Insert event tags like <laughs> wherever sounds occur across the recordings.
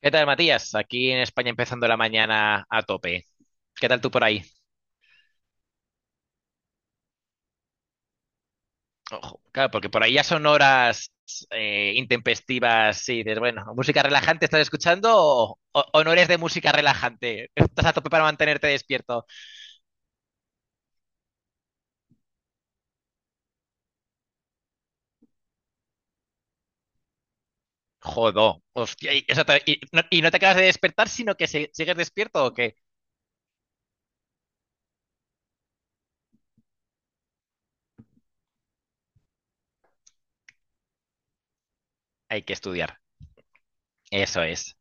¿Qué tal, Matías? Aquí en España empezando la mañana a tope. ¿Qué tal tú por ahí? Ojo, claro, porque por ahí ya son horas intempestivas. Sí, dices, bueno, ¿música relajante estás escuchando o no eres de música relajante? Estás a tope para mantenerte despierto. Jodo, hostia, y, eso te- y no te acabas de despertar, sino que sigues despierto o qué? Hay que estudiar. Eso es.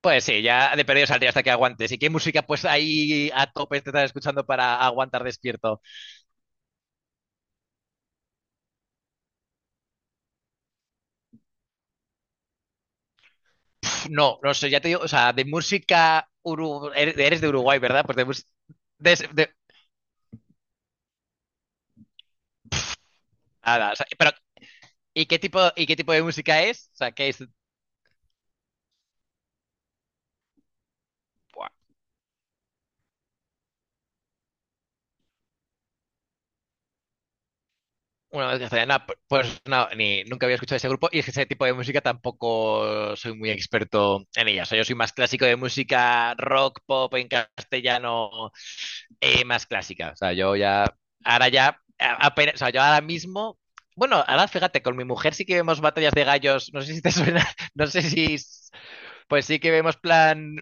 Pues sí, ya de perdido saldría hasta que aguantes. ¿Y qué música pues ahí a tope te estás escuchando para aguantar despierto? No, no sé, ya te digo, o sea, de música, eres de Uruguay, ¿verdad? Pues de música... nada, o sea, pero, y qué tipo de música es? O sea, ¿qué es? Buah, una vez castellana, pues no, ni, nunca había escuchado ese grupo y es que ese tipo de música tampoco soy muy experto en ella. O sea, yo soy más clásico de música rock, pop en castellano, más clásica. O sea, yo ya, ahora ya, apenas, o sea, yo ahora mismo... Bueno, ahora fíjate, con mi mujer sí que vemos batallas de gallos. No sé si te suena, <laughs> no sé si pues sí que vemos plan.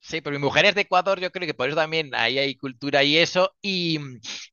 Sí, pero mi mujer es de Ecuador, yo creo que por eso también ahí hay cultura y eso.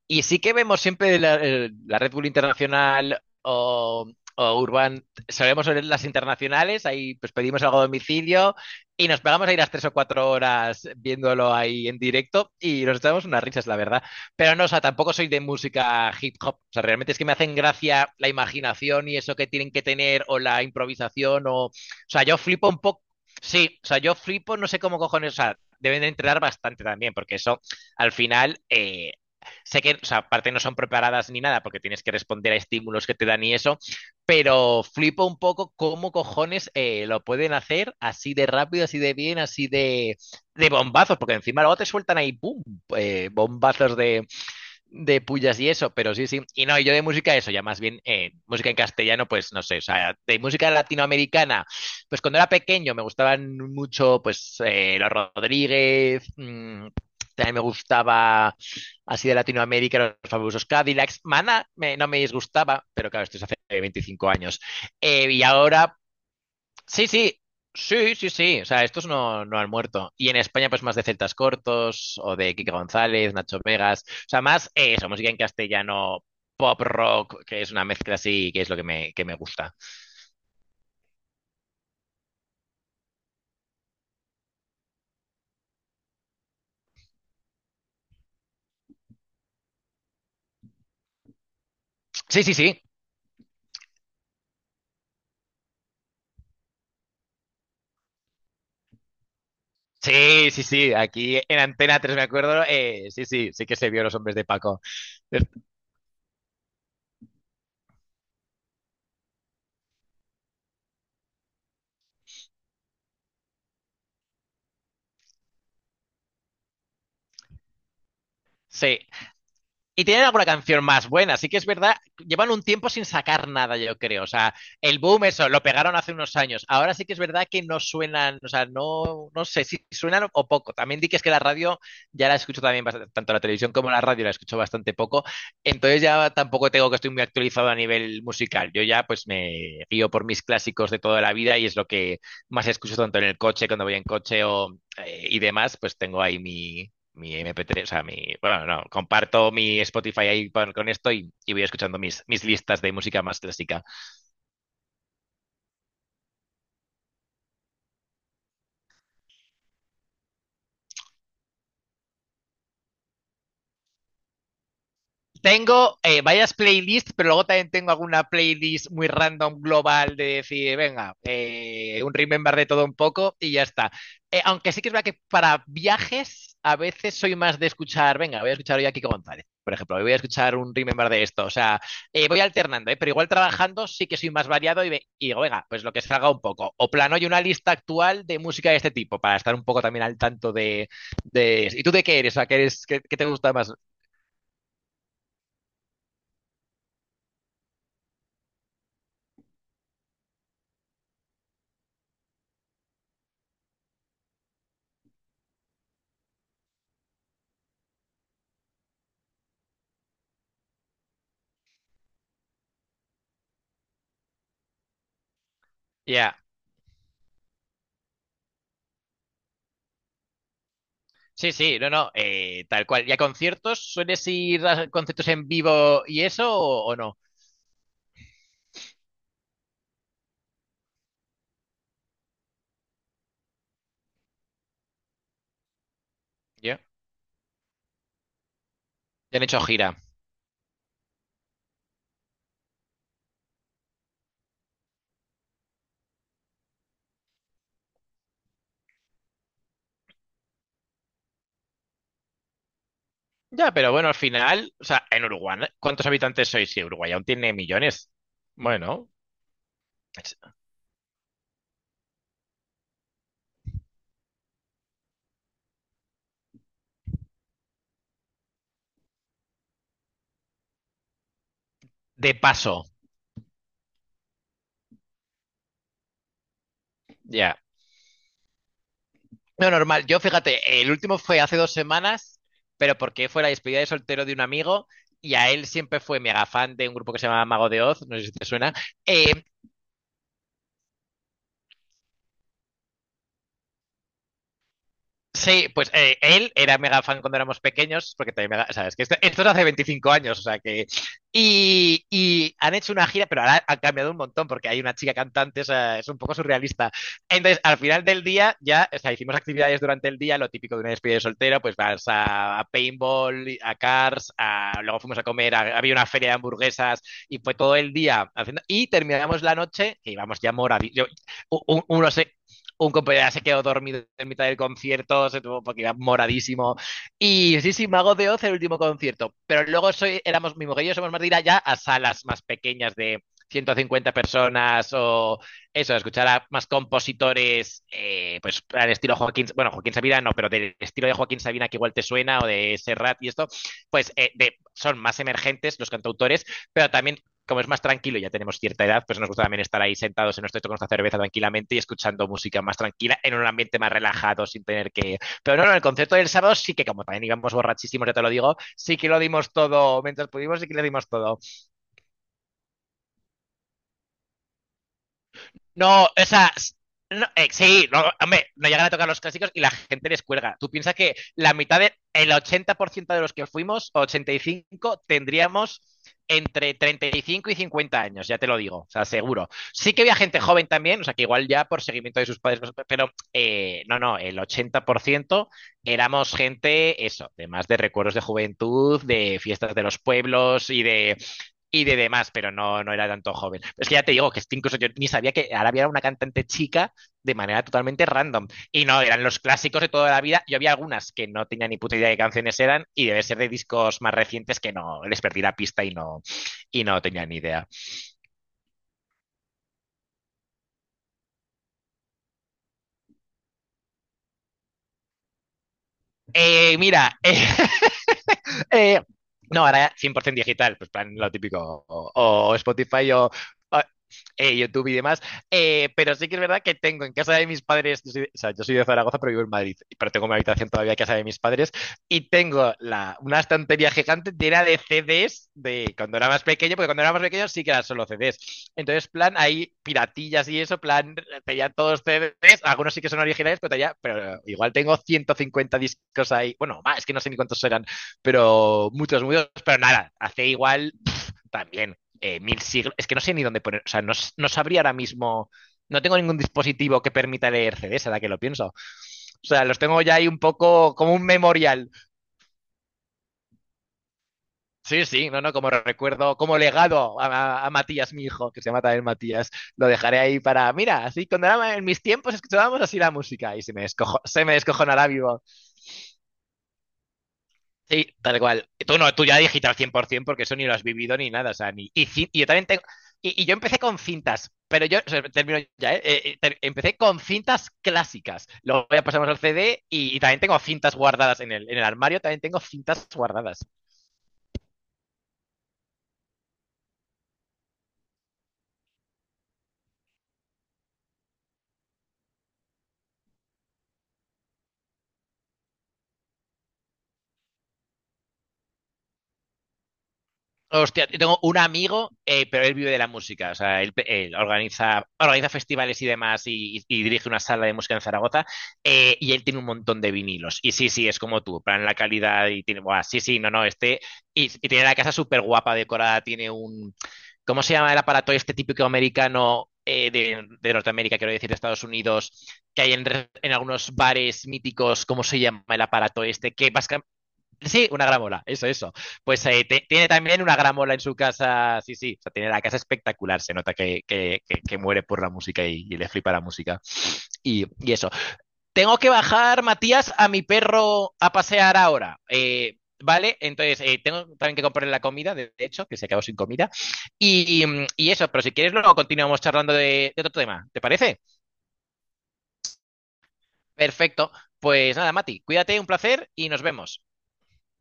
Y sí que vemos siempre la, la Red Bull Internacional o Urban, solemos ver las internacionales, ahí pues pedimos algo a domicilio y nos pegamos ahí las 3 o cuatro horas viéndolo ahí en directo y nos echamos unas risas, la verdad. Pero no, o sea, tampoco soy de música hip hop, o sea, realmente es que me hacen gracia la imaginación y eso que tienen que tener o la improvisación o sea, yo flipo un poco. Sí, o sea, yo flipo, no sé cómo cojones, o sea, deben de entrenar bastante también, porque eso al final, sé que, o sea, aparte no son preparadas ni nada, porque tienes que responder a estímulos que te dan y eso, pero flipo un poco cómo cojones lo pueden hacer así de rápido, así de bien, así de bombazos, porque encima luego te sueltan ahí, ¡pum!, bombazos de pullas y eso, pero sí, sí. Y no, y yo de música eso, ya más bien música en castellano, pues no sé, o sea, de música latinoamericana, pues cuando era pequeño me gustaban mucho, pues, los Rodríguez, también me gustaba así de Latinoamérica, los fabulosos Cadillacs. Maná me, no me disgustaba, pero claro, esto es hace 25 años. Y ahora, sí, sí, sí, sí, sí. O sea, estos no, no han muerto. Y en España, pues más de Celtas Cortos o de Kike González, Nacho Vegas. O sea, más eso, música en castellano, pop rock, que es una mezcla así, que es lo que me gusta. Sí, sí, sí. Sí, sí, sí. Aquí en Antena 3 me acuerdo. Sí, sí, sí que se vio Los Hombres de Paco. Sí. Y tienen alguna canción más buena, así que es verdad, llevan un tiempo sin sacar nada, yo creo. O sea, el boom, eso, lo pegaron hace unos años. Ahora sí que es verdad que no suenan, o sea, no, no sé si suenan o poco. También di que es que la radio ya la escucho también, bastante, tanto la televisión como la radio la escucho bastante poco. Entonces ya tampoco tengo que estoy muy actualizado a nivel musical. Yo ya pues me guío por mis clásicos de toda la vida y es lo que más escucho tanto en el coche, cuando voy en coche o, y demás, pues tengo ahí mi, mi MP3, o sea, mi, bueno, no, comparto mi Spotify ahí con esto y voy escuchando mis, mis listas de música más clásica. Tengo varias playlists, pero luego también tengo alguna playlist muy random global de decir, venga, un remember de todo un poco y ya está. Aunque sí que es verdad que para viajes a veces soy más de escuchar, venga, voy a escuchar hoy a Kiko González, por ejemplo, hoy voy a escuchar un remember de esto, o sea, voy alternando, ¿eh? Pero igual trabajando sí que soy más variado y, y digo, venga, pues lo que salga un poco. O plano y una lista actual de música de este tipo para estar un poco también al tanto de... ¿Y tú de qué eres? O sea, ¿qué, eres, qué, qué te gusta más? Ya. Sí, sí, no, no, tal cual. ¿Y a conciertos? ¿Sueles ir a conciertos en vivo y eso o no? Ya. Ya han hecho gira. Ya, pero bueno, al final, o sea, en Uruguay, ¿cuántos habitantes sois? Si Uruguay aún tiene millones. Bueno, es- de paso, ya. No, normal. Yo, fíjate, el último fue hace dos semanas, pero porque fue la despedida de soltero de un amigo y a él siempre fue mega fan de un grupo que se llama Mago de Oz, no sé si te suena. Eh, Sí, pues él era mega fan cuando éramos pequeños, porque también, mega, sabes que esto es hace 25 años, o sea que... Y, y han hecho una gira, pero ahora han cambiado un montón, porque hay una chica cantante, o sea, es un poco surrealista. Entonces, al final del día, ya, o sea, hicimos actividades durante el día, lo típico de una despedida de soltero, pues vas a paintball, a cars, a, luego fuimos a comer, había una feria de hamburguesas, y fue todo el día haciendo... Y terminamos la noche, que íbamos ya u- u- un compañero se quedó dormido en mitad del concierto, se tuvo porque iba moradísimo. Y sí, sí, Mago de Oz el último concierto. Pero luego soy, éramos, mi mujer y yo somos más de ir allá a salas más pequeñas de 150 personas o eso, escuchar a más compositores, pues al estilo Joaquín, bueno, Joaquín Sabina no, pero del estilo de Joaquín Sabina que igual te suena o de Serrat y esto, pues de, son más emergentes los cantautores, pero también como es más tranquilo, ya tenemos cierta edad, pues nos gusta también estar ahí sentados en nuestro techo con nuestra cerveza tranquilamente y escuchando música más tranquila en un ambiente más relajado sin tener que... Pero no, no, el concierto del sábado sí que como también íbamos borrachísimos, ya te lo digo, sí que lo dimos todo, mientras pudimos sí que le dimos todo. No, o sea, no, sí, no, hombre, no llegan a tocar los clásicos y la gente les cuelga. Tú piensas que la mitad de, el 80% de los que fuimos, 85, tendríamos entre 35 y 50 años, ya te lo digo, o sea, seguro. Sí que había gente joven también, o sea, que igual ya por seguimiento de sus padres, no sé, pero no, no, el 80% éramos gente, eso, de más de recuerdos de juventud, de fiestas de los pueblos y de demás, pero no, no era tanto joven. Es que ya te digo que es que incluso yo ni sabía que Arabia era una cantante chica de manera totalmente random. Y no, eran los clásicos de toda la vida. Yo había algunas que no tenía ni puta idea de qué canciones eran y debe ser de discos más recientes que no les perdí la pista y no tenía ni idea. Eh, mira, eh, <laughs> Eh, no, ahora 100% digital, pues plan lo típico, o Spotify o, YouTube y demás. Pero sí que es verdad que tengo en casa de mis padres, yo soy o sea, yo soy de Zaragoza, pero vivo en Madrid, pero tengo mi habitación todavía en casa de mis padres y tengo la, una estantería gigante llena de CDs de cuando era más pequeño, porque cuando era más pequeño sí que eran solo CDs. Entonces, plan, hay piratillas y eso, plan, tenía todos CDs, algunos sí que son originales, pero, pero igual tengo 150 discos ahí, bueno, más, es que no sé ni cuántos eran pero muchos, muchos, pero nada, hace igual también mil siglos. Es que no sé ni dónde poner, o sea, no, no sabría ahora mismo, no tengo ningún dispositivo que permita leer CDs, ahora que lo pienso. O sea, los tengo ya ahí un poco como un memorial. Sí, sí, no, no, como recuerdo, como legado a Matías, mi hijo, que se llama también Matías. Lo dejaré ahí para, mira, así cuando era en mis tiempos escuchábamos así la música y se me, escojo, se me descojonará vivo. Sí, tal cual. Tú no, tú ya digital 100% porque eso ni lo has vivido ni nada. O sea, ni, y, y yo también tengo. Y yo empecé con cintas, pero yo, o sea, termino ya, ¿eh? Empecé con cintas clásicas. Luego ya pasamos al CD y también tengo cintas guardadas en el armario, también tengo cintas guardadas. Hostia, yo tengo un amigo, pero él vive de la música, o sea, él organiza, organiza festivales y demás y, y dirige una sala de música en Zaragoza y él tiene un montón de vinilos. Y sí, sí, es como tú, plan la calidad y tiene, buah, sí, sí, no, no, este, y tiene la casa súper guapa decorada, tiene un, ¿cómo se llama el aparato este típico americano de Norteamérica, quiero decir, de Estados Unidos, que hay en, en algunos bares míticos, ¿cómo se llama el aparato este? Que vas sí, una gramola, eso, eso. Pues tiene también una gramola en su casa, sí, sí, o sea, tiene la casa espectacular, se nota que, que muere por la música y le flipa la música. Y eso. Tengo que bajar, Matías, a mi perro a pasear ahora. ¿Vale? Entonces, tengo también que comprarle la comida, de hecho, que se quedó sin comida. Y, y eso, pero si quieres, luego continuamos charlando de otro tema, ¿te parece? Perfecto. Pues nada, Mati, cuídate, un placer y nos vemos.